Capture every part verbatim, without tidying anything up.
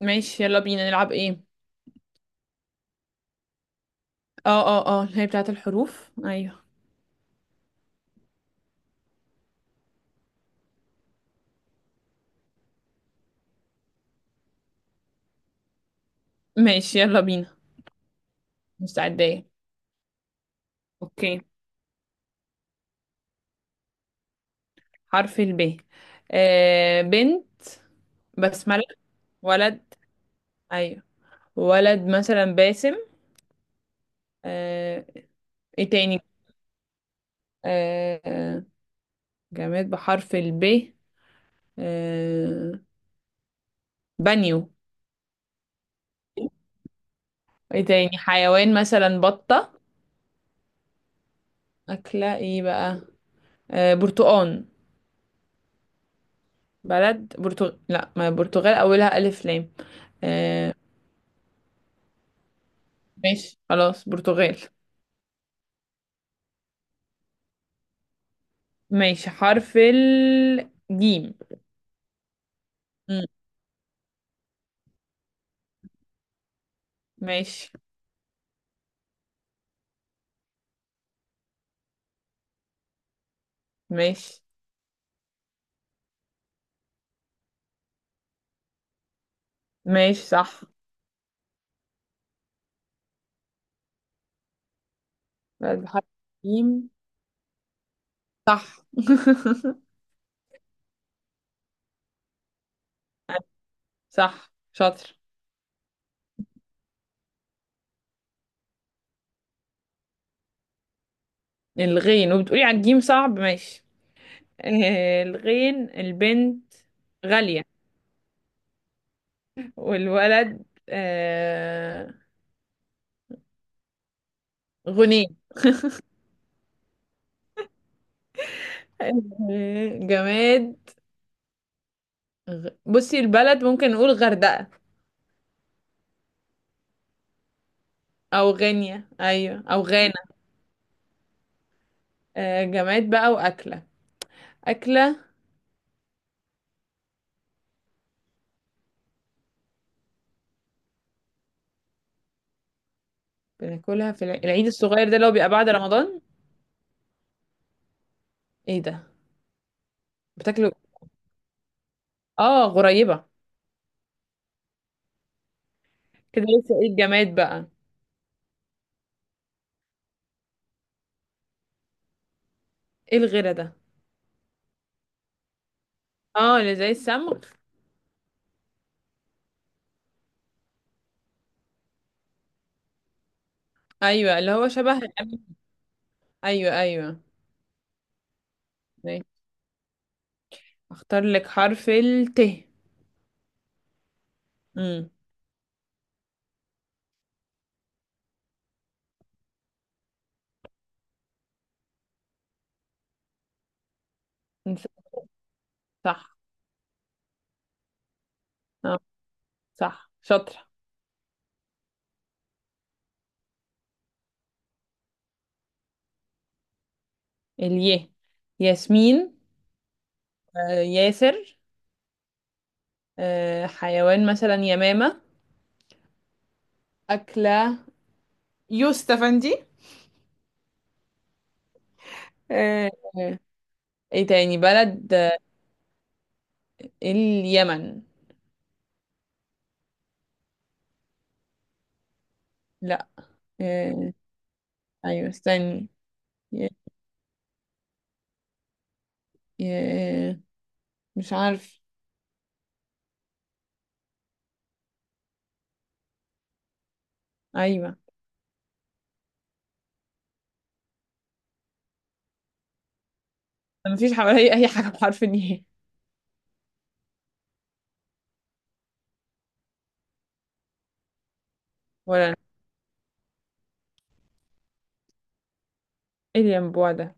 ماشي، يلا بينا نلعب ايه؟ اه اه اه، اللي هي بتاعت الحروف، ايوه. ماشي، يلا بينا. مستعدة. اوكي. حرف الب. آه بنت. بسملة. ولد. ايوه. ولد مثلا باسم. آه. ايه تاني؟ آه، آه، جماد بحرف الب. آه. بانيو. ايه تاني؟ حيوان مثلا بطة. أكلة ايه بقى؟ آه برتقان. بلد برتغال. لا، ما برتغال أولها ألف لام. آه. ماشي، خلاص برتغال. ماشي، حرف الجيم. مم. ماشي. ماشي. ماشي. صح. بلد بحرف الجيم. صح. صح، شاطر. الغين، وبتقولي على الجيم صعب، ماشي. آه، الغين، البنت غالية. والولد آه، غني. آه، جماد. غ... بصي، البلد ممكن نقول غردقة. أو غينيا، أيوة، أو غانا. آه، جماد بقى وأكلة. أكلة. بناكلها في الع- العيد الصغير، ده اللي هو بيبقى بعد رمضان. ايه ده؟ بتاكله؟ اه، غريبة. كده، لسه ايه الجماد بقى؟ ايه الغيرة ده؟ اه، اللي زي السمغ. ايوه، اللي هو شبه الأم- ايوه، ايوه. ماشي. اختار لك حرف الت. امم صح. اه. صح، شاطرة. اليه. ياسمين. آه ياسر. آه حيوان مثلا يمامة. أكلة. يوسف أفندي. آه. ايه تاني بلد؟ آه. اليمن. لا. آه، ايوه، استني. ي- ي- مش عارف. ايوه. ما فيش حواليا اي حاجه بحرف الياء. ولا أنا. ايه الينبوع ده؟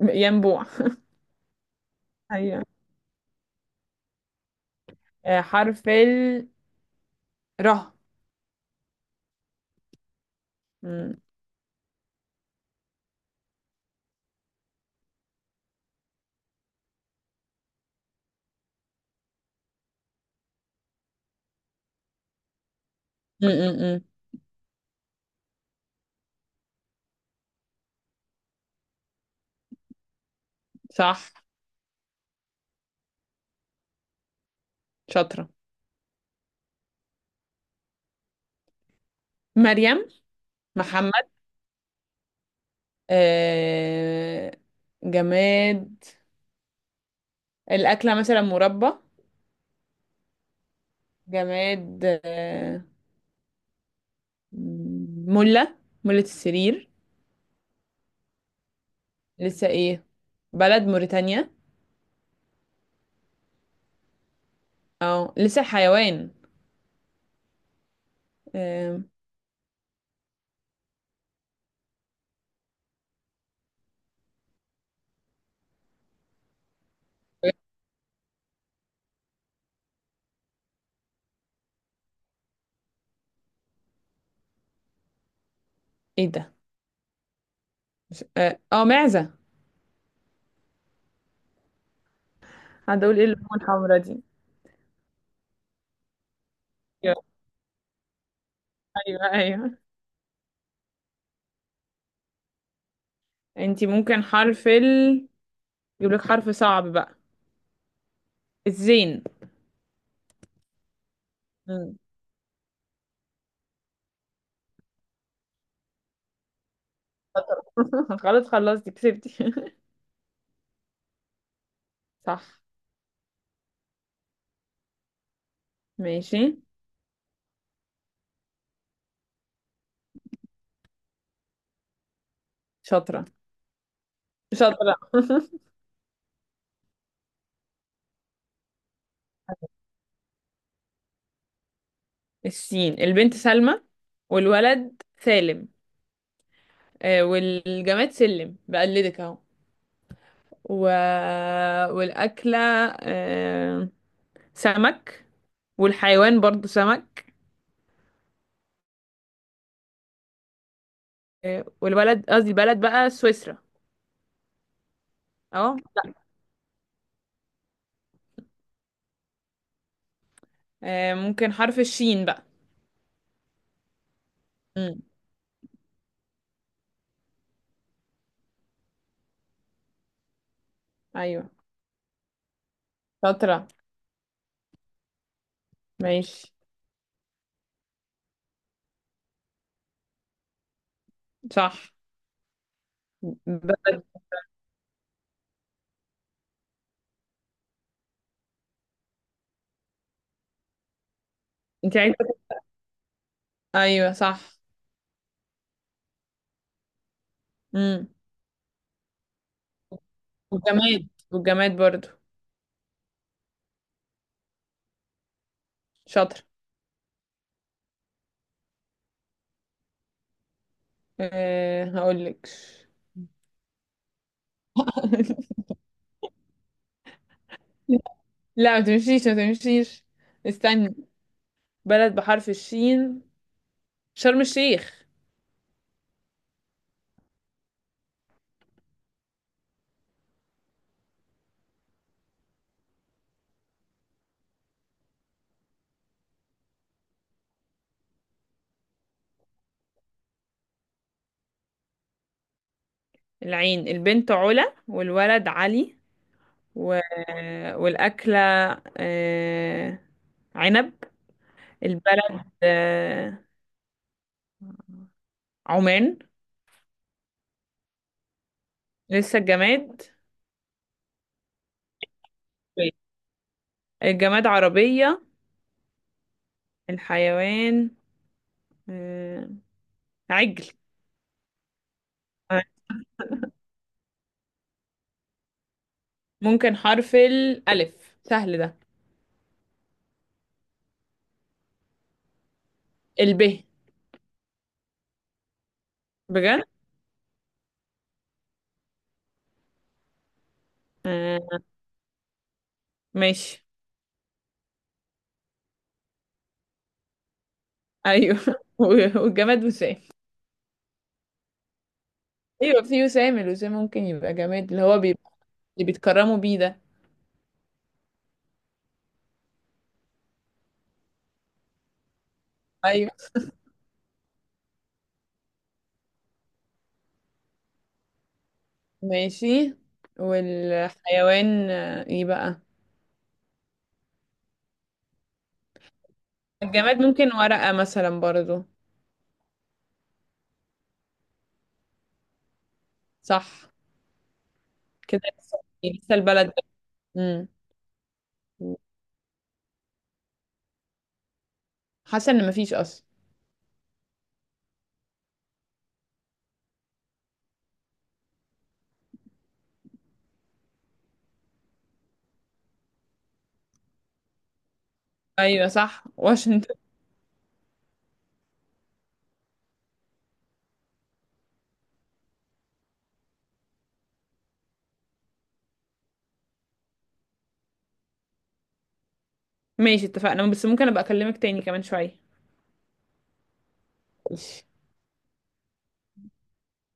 م- ينبوع. ايوه. آه، حرف ال ر. م- م- م- م. صح، شاطره. مريم. محمد. آه، جماد. الاكله مثلا مربى. جماد، آه، مله، مله السرير. لسه ايه؟ بلد موريتانيا. اه، لسه الحيوان. آم، ايه ده؟ مش- اه آه، معزة. هتقول ايه اللون الحمرا دي؟ ايوه. ايوه، ايوه. انتي ممكن حرف ال، يجيب لك حرف صعب بقى. الزين. مم. خلاص، خلصتي، كسبتي. صح. ماشي. شاطرة، شاطرة. السين، البنت سلمى. والولد سالم. آه، والجماد سلم، بقلدك اهو. و... والأكلة، آه، سمك. والحيوان برضو سمك. آه، والبلد قصدي البلد بقى سويسرا. اهو. آه، ممكن حرف الشين بقى. امم ايوه. شاطرة. ماشي. صح. بلد. انت عايزة؟ ايوه، صح. امم والجماد والجماد برضو. شاطرة. أه هقول لك. لا، ما تمشيش، ما تمشيش. استني. بلد بحرف الشين، شرم الشيخ. العين، البنت علا والولد علي. و... والأكلة، آه، عنب. البلد، آه، عمان. لسه الجماد. الجماد عربية. الحيوان، آه، عجل. آه، ممكن حرف الألف، سهل ده. الب. بجد؟ آه. ماشي. أيوه. و- والجماد وسام. أيوه، في وسام، الوسام ممكن يبقى جماد، اللي هو بيبقى اللي بيتكرموا بيه ده. أيوه. ماشي. والحيوان، آه، إيه بقى؟ الجماد ممكن ورقة مثلا برضو. صح. كده لسه. لسه البلد. امم حاسه ان مفيش اصلا. ايوه، صح، واشنطن. ماشي، اتفقنا، بس ممكن ابقى اكلمك تاني كمان شويه؟ ماشي.